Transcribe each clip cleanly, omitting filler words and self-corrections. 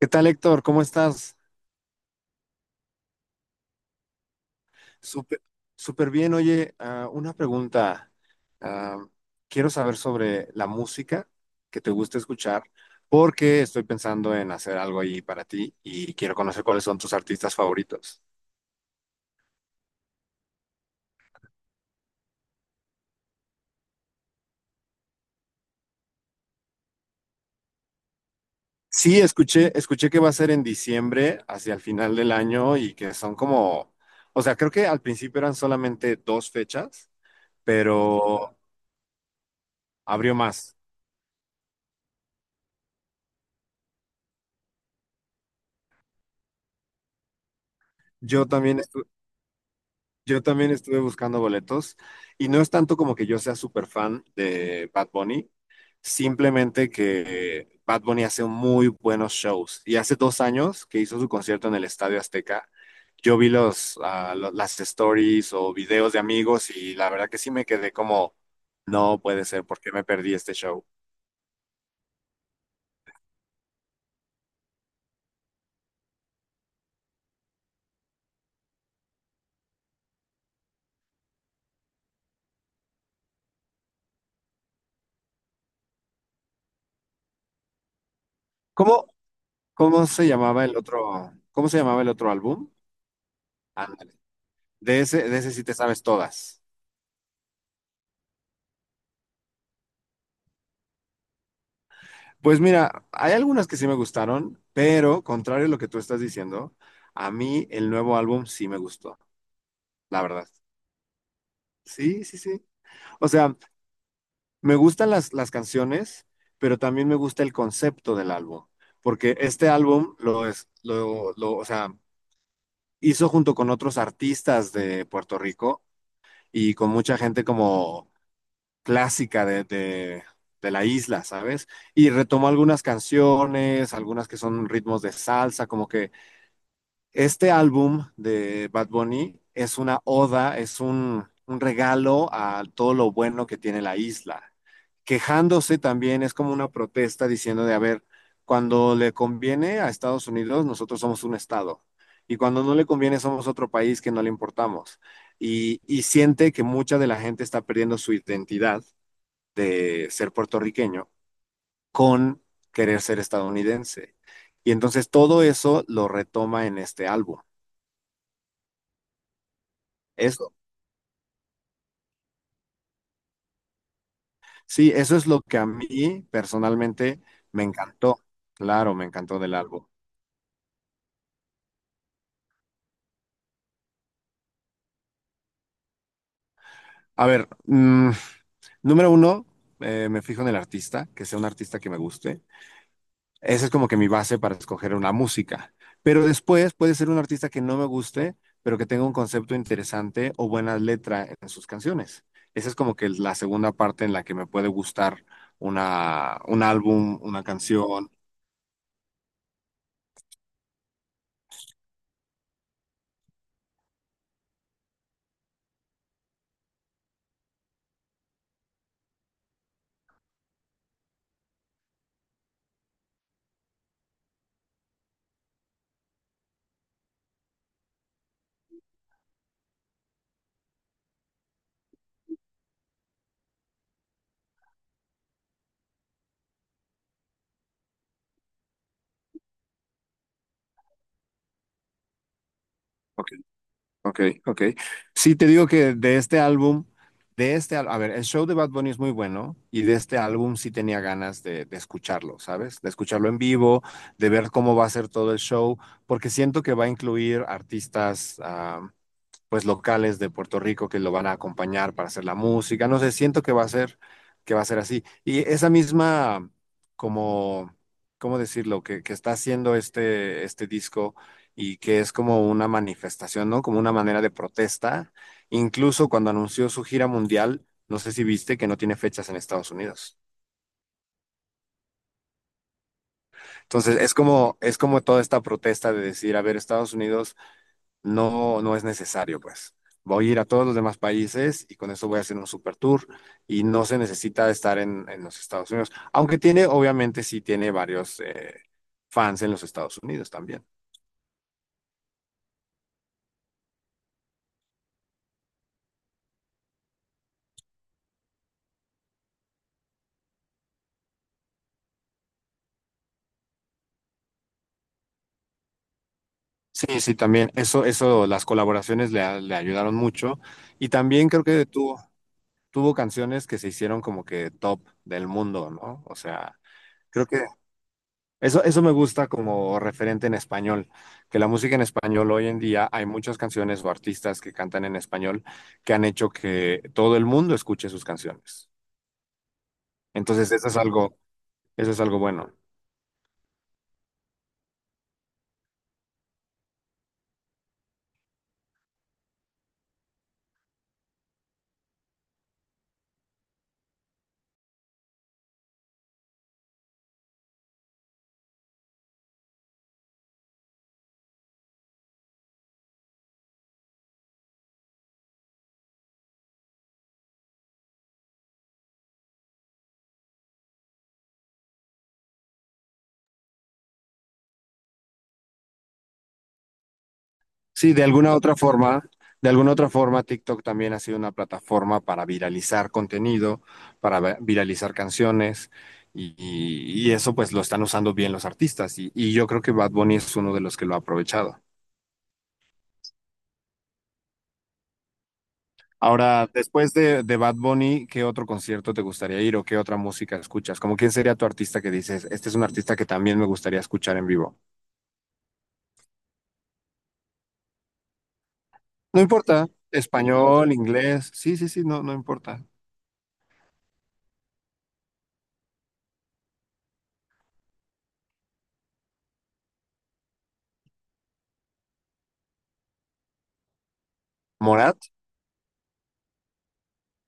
¿Qué tal, Héctor? ¿Cómo estás? Súper, súper bien. Oye, una pregunta. Ah, Quiero saber sobre la música que te gusta escuchar, porque estoy pensando en hacer algo ahí para ti y quiero conocer cuáles son tus artistas favoritos. Sí, escuché que va a ser en diciembre, hacia el final del año, y que son o sea, creo que al principio eran solamente dos fechas, pero abrió más. Yo también, estu- Yo también estuve buscando boletos y no es tanto como que yo sea súper fan de Bad Bunny, simplemente que Bad Bunny hace muy buenos shows y hace dos años que hizo su concierto en el Estadio Azteca, yo vi las stories o videos de amigos y la verdad que sí me quedé como, no puede ser, ¿por qué me perdí este show? ¿Cómo, cómo se llamaba cómo se llamaba el otro álbum? Ándale, de ese sí te sabes todas. Pues mira, hay algunas que sí me gustaron, pero contrario a lo que tú estás diciendo, a mí el nuevo álbum sí me gustó, la verdad. Sí, sí, sí. O sea, me gustan las canciones, pero también me gusta el concepto del álbum, porque este álbum lo es, lo, o sea, hizo junto con otros artistas de Puerto Rico y con mucha gente como clásica de la isla, ¿sabes? Y retomó algunas canciones, algunas que son ritmos de salsa, como que este álbum de Bad Bunny es una oda, es un regalo a todo lo bueno que tiene la isla. Quejándose también es como una protesta diciendo de, a ver, cuando le conviene a Estados Unidos, nosotros somos un estado. Y cuando no le conviene, somos otro país que no le importamos. Y siente que mucha de la gente está perdiendo su identidad de ser puertorriqueño con querer ser estadounidense. Y entonces todo eso lo retoma en este álbum. Eso, sí, eso es lo que a mí personalmente me encantó. Claro, me encantó del álbum. A ver, número uno, me fijo en el artista, que sea un artista que me guste. Esa es como que mi base para escoger una música. Pero después puede ser un artista que no me guste, pero que tenga un concepto interesante o buena letra en sus canciones. Esa es como que la segunda parte en la que me puede gustar un álbum, una canción. Ok, ok. Sí, te digo que de este álbum, a ver, el show de Bad Bunny es muy bueno y de este álbum sí tenía ganas de escucharlo, ¿sabes? De escucharlo en vivo, de ver cómo va a ser todo el show, porque siento que va a incluir artistas pues locales de Puerto Rico que lo van a acompañar para hacer la música. No sé, siento que va a ser, que va a ser así. Y esa misma, como, ¿cómo decirlo? Que está haciendo este disco y que es como una manifestación, ¿no? Como una manera de protesta. Incluso cuando anunció su gira mundial, no sé si viste que no tiene fechas en Estados Unidos. Entonces, es como toda esta protesta de decir, a ver, Estados Unidos no es necesario, pues. Voy a ir a todos los demás países y con eso voy a hacer un super tour y no se necesita estar en los Estados Unidos, aunque tiene, obviamente, sí tiene varios fans en los Estados Unidos también. Sí, sí, también. Las colaboraciones le ayudaron mucho. Y también creo que tuvo, tuvo canciones que se hicieron como que top del mundo, ¿no? O sea, creo que eso me gusta como referente en español, que la música en español hoy en día hay muchas canciones o artistas que cantan en español que han hecho que todo el mundo escuche sus canciones. Entonces, eso es algo bueno. Sí, de alguna otra forma, TikTok también ha sido una plataforma para viralizar contenido, para viralizar canciones, y eso pues lo están usando bien los artistas, y yo creo que Bad Bunny es uno de los que lo ha aprovechado. Ahora, después de Bad Bunny, ¿qué otro concierto te gustaría ir o qué otra música escuchas? ¿Cómo quién sería tu artista que dices, este es un artista que también me gustaría escuchar en vivo? No importa, español, inglés, sí, sí, sí, no, no importa. ¿Morat?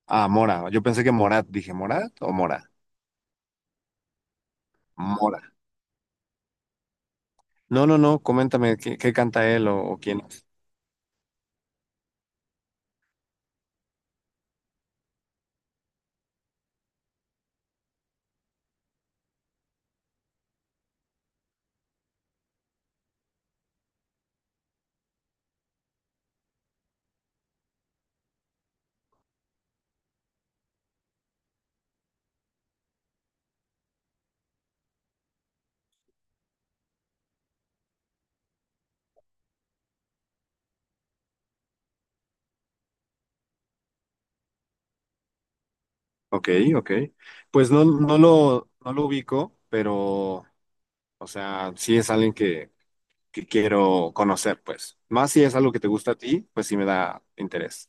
Ah, Mora. Yo pensé que Morat, dije, ¿Morat o Mora? Mora. No, no, no, coméntame qué canta él o quién es. Ok, ok. Pues no, no lo ubico, pero, o sea, sí es alguien que quiero conocer, pues. Más si es algo que te gusta a ti, pues sí me da interés.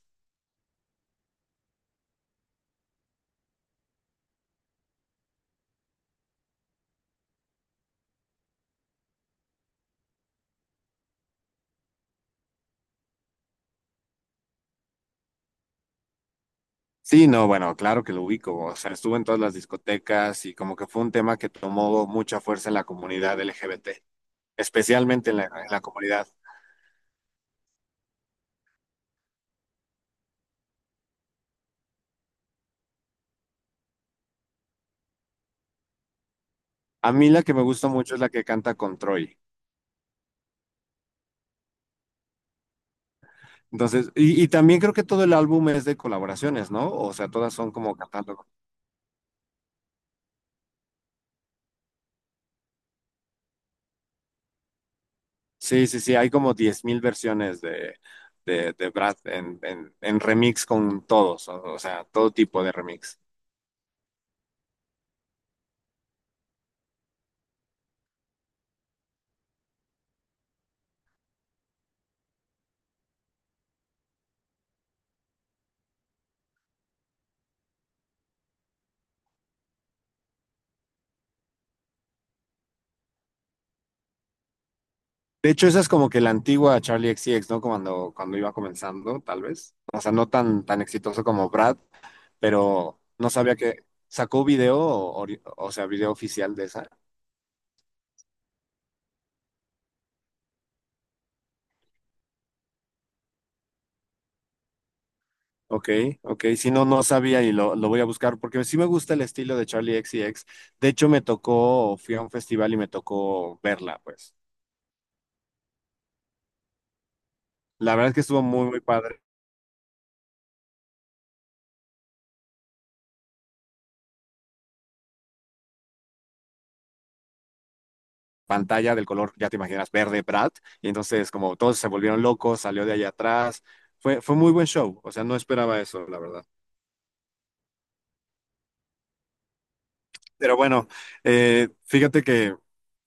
Sí, no, bueno, claro que lo ubico, o sea, estuve en todas las discotecas y como que fue un tema que tomó mucha fuerza en la comunidad LGBT, especialmente en en la comunidad. A mí la que me gusta mucho es la que canta con Troy. Entonces, y también creo que todo el álbum es de colaboraciones, ¿no? O sea, todas son como cantando. Sí, sí, sí, hay como 10,000 versiones de Brad en remix con todos, o sea, todo tipo de remix. De hecho, esa es como que la antigua Charlie X C X, ¿no? Cuando iba comenzando, tal vez. O sea, no tan exitoso como Brad, pero no sabía que sacó video, o sea, video oficial de esa. Ok, ok, si no, no sabía lo voy a buscar porque sí me gusta el estilo de Charlie X C X. De hecho, me tocó, fui a un festival y me tocó verla, pues. La verdad es que estuvo muy, muy padre. Pantalla del color, ya te imaginas, verde Brad, y entonces como todos se volvieron locos, salió de allá atrás, fue muy buen show, o sea, no esperaba eso, la verdad. Pero bueno, fíjate que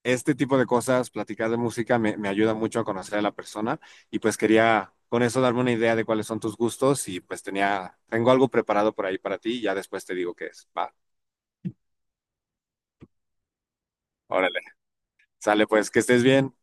este tipo de cosas, platicar de música, me ayuda mucho a conocer a la persona y pues quería con eso darme una idea de cuáles son tus gustos y pues tengo algo preparado por ahí para ti y ya después te digo qué es. Va, órale, sale pues, que estés bien.